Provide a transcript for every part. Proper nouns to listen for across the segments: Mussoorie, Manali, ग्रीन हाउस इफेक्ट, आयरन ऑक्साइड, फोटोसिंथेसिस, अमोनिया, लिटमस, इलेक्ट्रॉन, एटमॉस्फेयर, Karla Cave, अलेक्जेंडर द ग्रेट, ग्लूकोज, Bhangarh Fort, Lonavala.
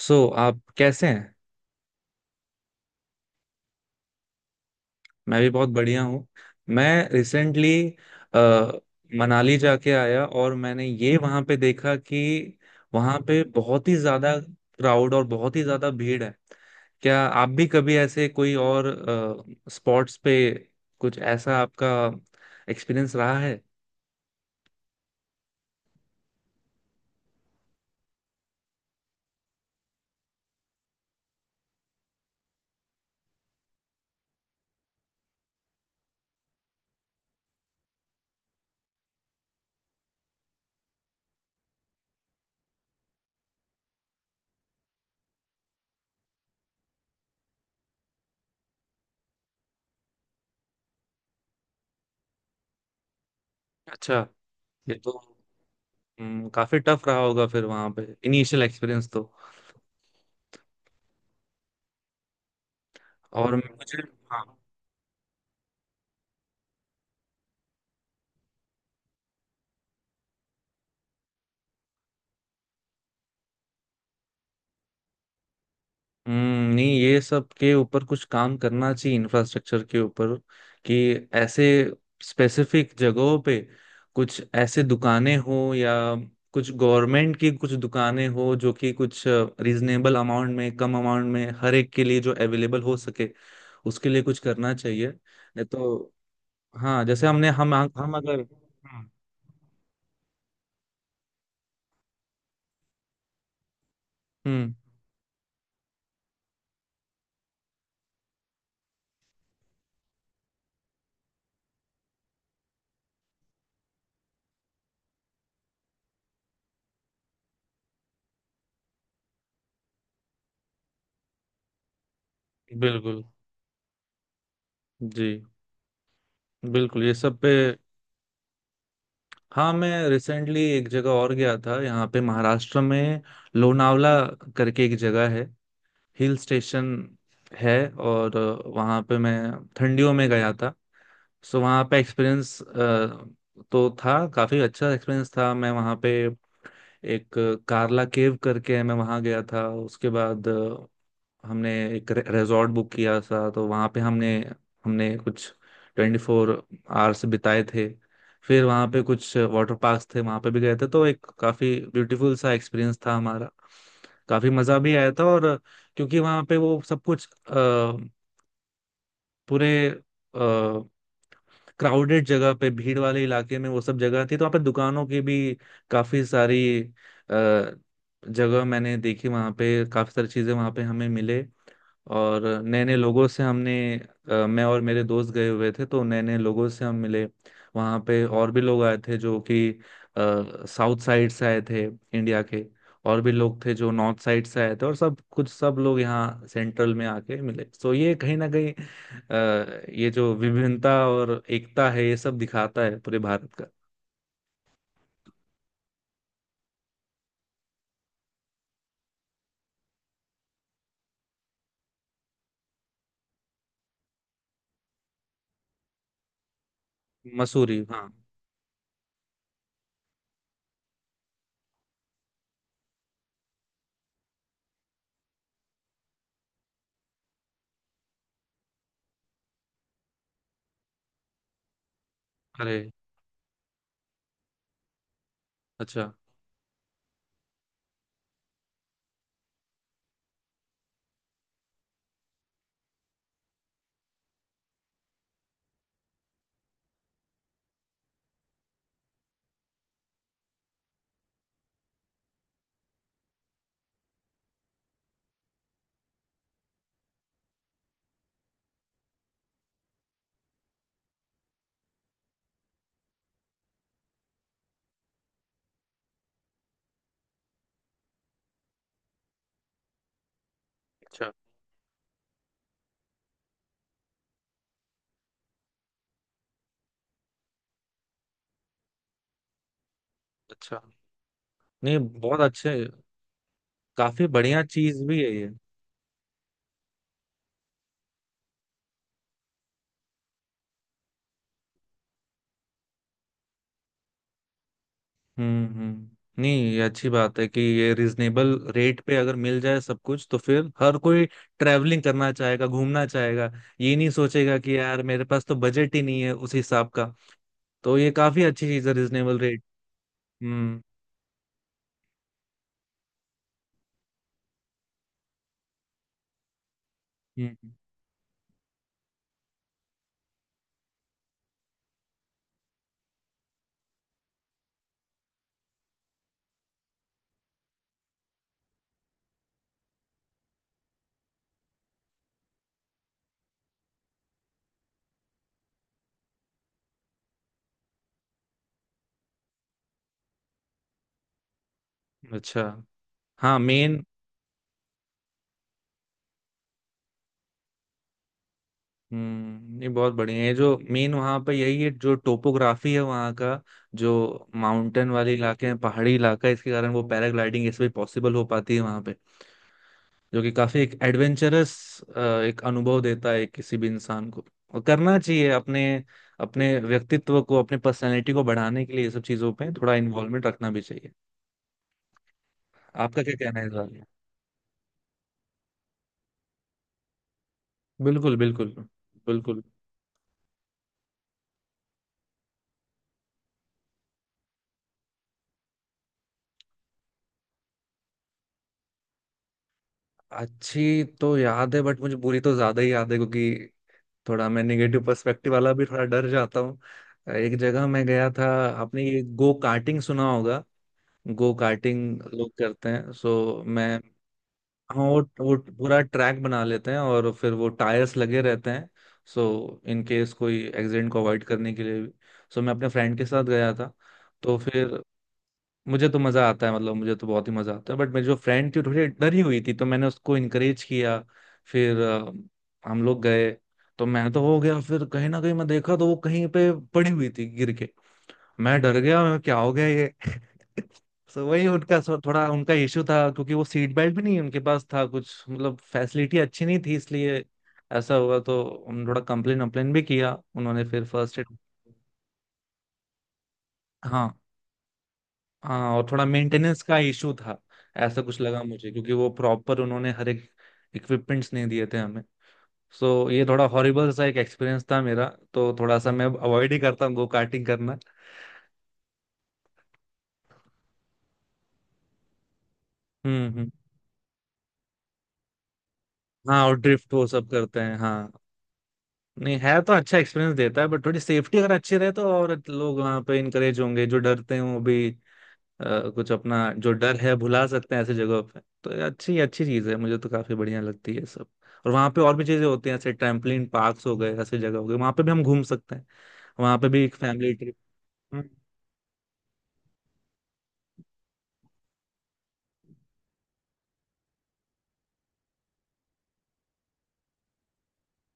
आप कैसे हैं। मैं भी बहुत बढ़िया हूँ। मैं रिसेंटली मनाली जाके आया, और मैंने ये वहाँ पे देखा कि वहाँ पे बहुत ही ज़्यादा क्राउड और बहुत ही ज़्यादा भीड़ है। क्या आप भी कभी ऐसे कोई और स्पॉट्स पे कुछ ऐसा आपका एक्सपीरियंस रहा है? अच्छा। ये तो काफी टफ रहा होगा फिर वहां पे, इनिशियल एक्सपीरियंस तो। और मुझे, हाँ, नहीं, ये सब के ऊपर कुछ काम करना चाहिए, इंफ्रास्ट्रक्चर के ऊपर। कि ऐसे स्पेसिफिक जगहों पे कुछ ऐसे दुकानें हो, या कुछ गवर्नमेंट की कुछ दुकानें हो जो कि कुछ रीजनेबल अमाउंट में, कम अमाउंट में हर एक के लिए जो अवेलेबल हो सके। उसके लिए कुछ करना चाहिए, नहीं तो। हाँ, जैसे हमने हम अगर। हम्म, हम्म, बिल्कुल। जी, बिल्कुल, ये सब पे। हाँ, मैं रिसेंटली एक जगह और गया था यहाँ पे महाराष्ट्र में। लोनावला करके एक जगह है, हिल स्टेशन है, और वहाँ पे मैं ठंडियों में गया था। सो वहाँ पे एक्सपीरियंस तो था काफ़ी अच्छा, एक्सपीरियंस था मैं वहाँ पे। एक कार्ला केव करके है, मैं वहाँ गया था। उसके बाद हमने एक रिजॉर्ट बुक किया था, तो वहाँ पे हमने, कुछ 24 आवर्स बिताए थे। फिर वहाँ पे कुछ वाटर पार्क्स थे, वहाँ पे भी गए थे, तो एक काफ़ी ब्यूटीफुल सा एक्सपीरियंस था हमारा। काफ़ी मज़ा भी आया था, और क्योंकि वहाँ पे वो सब कुछ पूरे क्राउडेड जगह पे, भीड़ वाले इलाके में वो सब जगह थी, तो वहाँ पे दुकानों की भी काफ़ी सारी जगह मैंने देखी। वहाँ पे काफ़ी सारी चीज़ें वहाँ पे हमें मिले, और नए नए लोगों से हमने, मैं और मेरे दोस्त गए हुए थे, तो नए नए लोगों से हम मिले। वहाँ पे और भी लोग आए थे जो कि साउथ साइड से आए थे, इंडिया के। और भी लोग थे जो नॉर्थ साइड से आए थे, और सब कुछ, सब लोग यहाँ सेंट्रल में आके मिले। तो ये कहीं ना कहीं ये जो विभिन्नता और एकता है, ये सब दिखाता है पूरे भारत का। मसूरी, हाँ। अरे, अच्छा। अच्छा। अच्छा, नहीं, बहुत अच्छे। काफी बढ़िया चीज भी है ये। हम्म, हम्म, नहीं, ये अच्छी बात है कि ये रिजनेबल रेट पे अगर मिल जाए सब कुछ, तो फिर हर कोई ट्रैवलिंग करना चाहेगा, घूमना चाहेगा। ये नहीं सोचेगा कि यार, मेरे पास तो बजट ही नहीं है उस हिसाब का। तो ये काफी अच्छी चीज है, रिजनेबल रेट। हम्म, हम्म, अच्छा। हाँ, मेन, ये बहुत बढ़िया है, जो मेन वहाँ पे यही है, जो टोपोग्राफी है वहाँ का। जो माउंटेन वाले इलाके हैं, पहाड़ी इलाका है, इसके कारण वो पैराग्लाइडिंग, ये सभी पॉसिबल हो पाती है वहाँ पे। जो कि काफी एक एडवेंचरस एक अनुभव देता है किसी भी इंसान को। और करना चाहिए अपने, अपने व्यक्तित्व को, अपने पर्सनैलिटी को बढ़ाने के लिए, ये सब चीजों पे थोड़ा इन्वॉल्वमेंट रखना भी चाहिए। आपका क्या कहना है इस बारे में? बिल्कुल, बिल्कुल। बिल्कुल। अच्छी तो याद है, बट मुझे बुरी तो ज्यादा ही याद है, क्योंकि थोड़ा मैं निगेटिव पर्सपेक्टिव वाला भी, थोड़ा डर जाता हूँ। एक जगह मैं गया था। आपने ये गो कार्टिंग सुना होगा, गो कार्टिंग लोग करते हैं, सो मैं, हाँ, वो पूरा ट्रैक बना लेते हैं, और फिर वो टायर्स लगे रहते हैं। सो इन केस कोई एक्सीडेंट को अवॉइड करने के लिए भी। सो मैं अपने फ्रेंड के साथ गया था, तो फिर मुझे तो मज़ा आता है, मतलब मुझे तो बहुत ही मज़ा आता है, बट मेरी जो फ्रेंड थी वो थोड़ी डरी हुई थी, तो मैंने उसको इनकरेज किया। फिर हम लोग गए, तो मैं तो हो गया, फिर कहीं ना कहीं मैं देखा तो वो कहीं पे पड़ी हुई थी गिर के। मैं डर गया, मैं, क्या हो गया ये? सो वही उनका, सो थोड़ा उनका इशू था, क्योंकि वो सीट बेल्ट भी नहीं उनके पास था कुछ, मतलब फैसिलिटी अच्छी नहीं थी, इसलिए ऐसा हुआ। तो उन्होंने थोड़ा कंप्लेन अम्प्लेन भी किया, उन्होंने फिर फर्स्ट एड। हाँ। हाँ, और थोड़ा मेंटेनेंस का इशू था, ऐसा कुछ लगा मुझे, क्योंकि वो प्रॉपर उन्होंने हर एक इक्विपमेंट्स नहीं दिए थे हमें। सो ये थोड़ा हॉरिबल सा एक एक्सपीरियंस था मेरा, तो थोड़ा सा मैं अवॉइड ही करता हूँ गो कार्टिंग करना। हम्म, हम्म, हाँ, और ड्रिफ्ट वो सब करते हैं, हाँ। नहीं है तो अच्छा एक्सपीरियंस देता है, बट थोड़ी सेफ्टी अगर अच्छी रहे, तो और लोग वहाँ पे इनकरेज होंगे, जो डरते हैं वो भी कुछ अपना जो डर है भुला सकते हैं ऐसे जगहों पे। तो ये अच्छी अच्छी चीज़ है, मुझे तो काफ़ी बढ़िया लगती है सब। और वहाँ पे और भी चीज़ें होती हैं, ऐसे ट्रैम्पलिन पार्क्स हो गए, ऐसे जगह हो गए, वहाँ पे भी हम घूम सकते हैं। वहाँ पे भी एक फैमिली ट्रिप।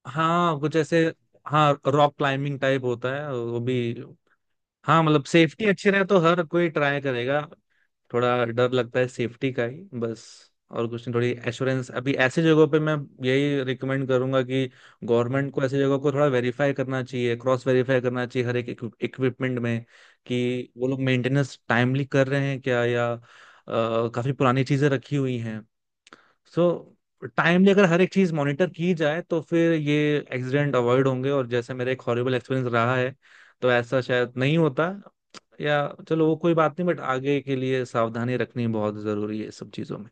हाँ, कुछ ऐसे। हाँ, रॉक क्लाइंबिंग टाइप होता है वो भी। हाँ, मतलब सेफ्टी अच्छी रहे तो हर कोई ट्राई करेगा। थोड़ा डर लगता है, सेफ्टी का ही बस, और कुछ नहीं। थोड़ी एश्योरेंस अभी ऐसी जगहों पे मैं यही रिकमेंड करूंगा, कि गवर्नमेंट को ऐसी जगहों को थोड़ा वेरीफाई करना चाहिए, क्रॉस वेरीफाई करना चाहिए हर एक इक्विपमेंट में, कि वो लोग मेंटेनेंस टाइमली कर रहे हैं क्या, या काफी पुरानी चीजें रखी हुई हैं। सो टाइमली अगर हर एक चीज मॉनिटर की जाए, तो फिर ये एक्सीडेंट अवॉइड होंगे, और जैसे मेरा एक हॉरिबल एक्सपीरियंस रहा है, तो ऐसा शायद नहीं होता, या। चलो, वो कोई बात नहीं, बट आगे के लिए सावधानी रखनी बहुत जरूरी है सब चीजों में।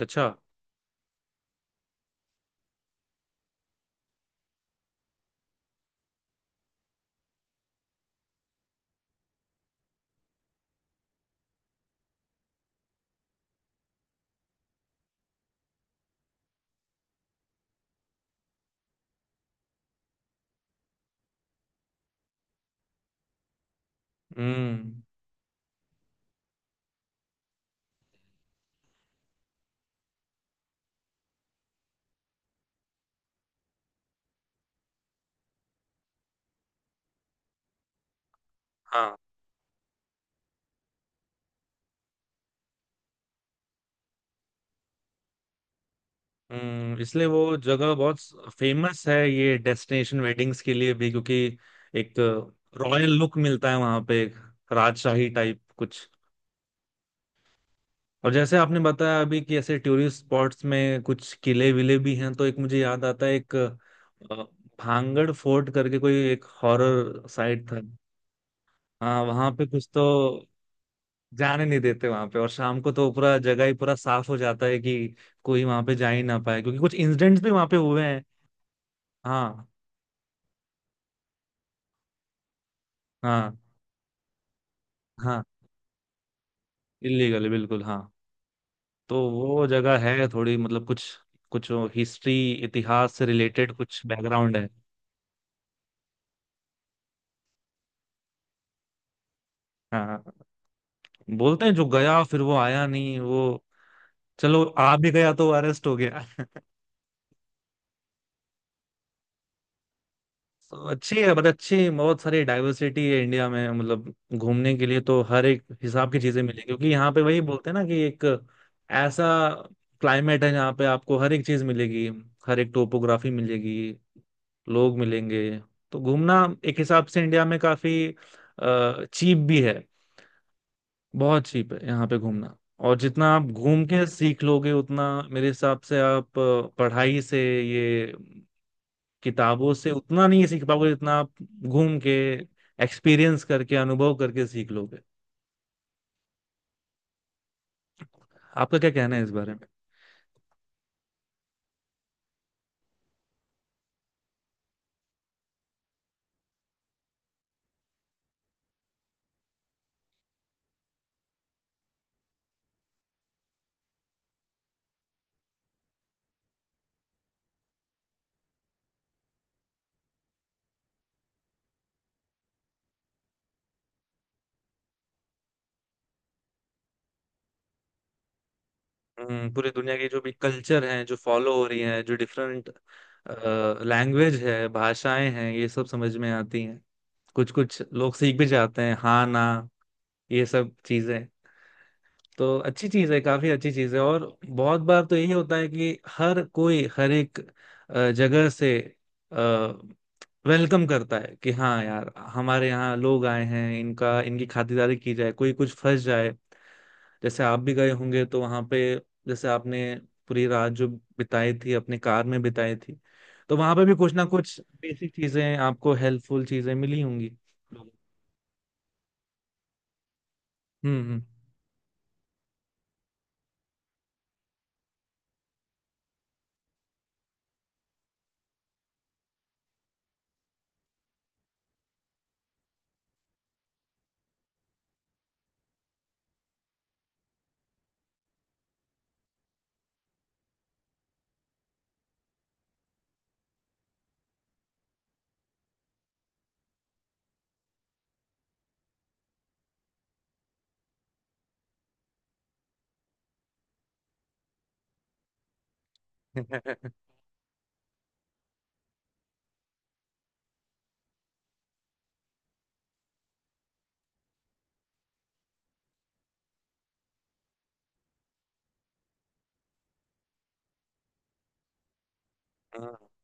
अच्छा। हम्म। हाँ। हम्म, इसलिए वो जगह बहुत फेमस है, ये डेस्टिनेशन वेडिंग्स के लिए भी, क्योंकि एक रॉयल लुक मिलता है वहां पे, एक राजशाही टाइप कुछ। और जैसे आपने बताया अभी कि ऐसे टूरिस्ट स्पॉट्स में कुछ किले विले भी हैं, तो एक मुझे याद आता है, एक भांगड़ फोर्ट करके कोई एक हॉरर साइट था। हाँ, वहां पे कुछ तो, जाने नहीं देते वहां पे। और शाम को तो पूरा जगह ही पूरा साफ हो जाता है, कि कोई वहां पे जा ही ना पाए, क्योंकि कुछ इंसिडेंट्स भी वहां पे हुए हैं। हाँ। हाँ। हाँ, इलीगल, बिल्कुल, हाँ। तो वो जगह है थोड़ी, मतलब कुछ कुछ हिस्ट्री, इतिहास से रिलेटेड कुछ बैकग्राउंड है। हाँ। हाँ। बोलते हैं जो गया फिर वो आया नहीं, वो, चलो आ भी गया तो अरेस्ट हो गया। तो अच्छी है, बट अच्छी बहुत सारी डाइवर्सिटी है इंडिया में, मतलब घूमने के लिए तो हर एक हिसाब की चीजें मिलेगी, क्योंकि यहाँ पे वही बोलते हैं ना, कि एक ऐसा क्लाइमेट है जहाँ पे आपको हर एक चीज मिलेगी, हर एक टोपोग्राफी मिलेगी, लोग मिलेंगे। तो घूमना एक हिसाब से इंडिया में काफी चीप भी है, बहुत चीप है यहाँ पे घूमना। और जितना आप घूम के सीख लोगे, उतना मेरे हिसाब से आप पढ़ाई से ये, किताबों से उतना नहीं सीख पाओगे, जितना आप घूम के, एक्सपीरियंस करके, अनुभव करके सीख लोगे। आपका क्या कहना है इस बारे में? पूरी दुनिया की जो भी कल्चर हैं, जो फॉलो हो रही हैं, जो डिफरेंट लैंग्वेज है, भाषाएं हैं, ये सब समझ में आती हैं। कुछ कुछ लोग सीख भी जाते हैं, हाँ ना, ये सब चीजें। तो अच्छी चीज है, काफी अच्छी चीज है, और बहुत बार तो यही होता है कि हर कोई हर एक जगह से वेलकम करता है, कि हाँ यार, हमारे यहाँ लोग आए हैं, इनका, इनकी खातिरदारी की जाए, कोई कुछ फंस जाए। जैसे आप भी गए होंगे तो वहां पे, जैसे आपने पूरी रात जो बिताई थी अपने कार में बिताई थी, तो वहां पे भी कुछ ना कुछ बेसिक चीजें, आपको हेल्पफुल चीजें मिली होंगी। हम्म, हम्म।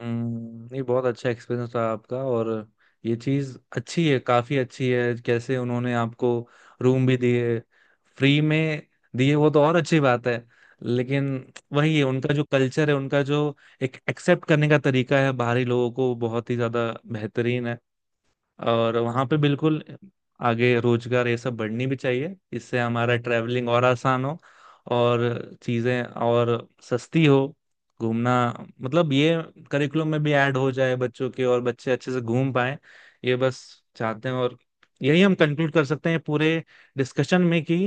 नहीं, बहुत अच्छा एक्सपीरियंस रहा आपका। और ये चीज़ अच्छी है, काफ़ी अच्छी है, कैसे उन्होंने आपको रूम भी दिए, फ्री में दिए, वो तो और अच्छी बात है। लेकिन वही है, उनका जो कल्चर है, उनका जो एक एक्सेप्ट करने का तरीका है बाहरी लोगों को, बहुत ही ज़्यादा बेहतरीन है। और वहाँ पे बिल्कुल आगे रोजगार, ये सब बढ़नी भी चाहिए, इससे हमारा ट्रैवलिंग और आसान हो, और चीज़ें और सस्ती हो। घूमना, मतलब ये करिकुलम में भी ऐड हो जाए बच्चों के, और बच्चे अच्छे से घूम पाए, ये बस चाहते हैं। और यही हम कंक्लूड कर सकते हैं पूरे डिस्कशन में, कि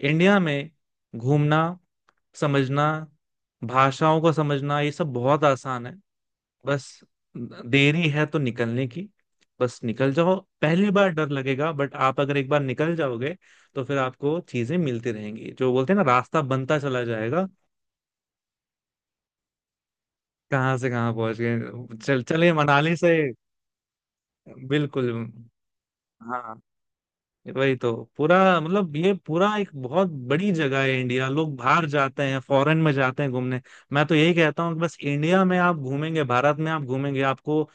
इंडिया में घूमना, समझना, भाषाओं को समझना, ये सब बहुत आसान है। बस देरी है तो निकलने की, बस निकल जाओ। पहली बार डर लगेगा, बट आप अगर एक बार निकल जाओगे, तो फिर आपको चीजें मिलती रहेंगी, जो बोलते हैं ना, रास्ता बनता चला जाएगा। कहाँ से कहाँ पहुंच गए, चल चले मनाली से। बिल्कुल, हाँ, वही तो। पूरा मतलब ये पूरा एक बहुत बड़ी जगह है इंडिया। लोग बाहर जाते हैं, फॉरेन में जाते हैं घूमने, मैं तो यही कहता हूँ कि बस इंडिया में आप घूमेंगे, भारत में आप घूमेंगे, आपको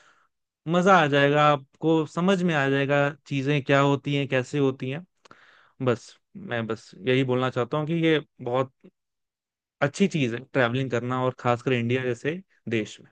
मजा आ जाएगा, आपको समझ में आ जाएगा चीजें क्या होती हैं, कैसे होती हैं। बस मैं बस यही बोलना चाहता हूँ, कि ये बहुत अच्छी चीज है ट्रैवलिंग करना, और खासकर इंडिया जैसे देश में।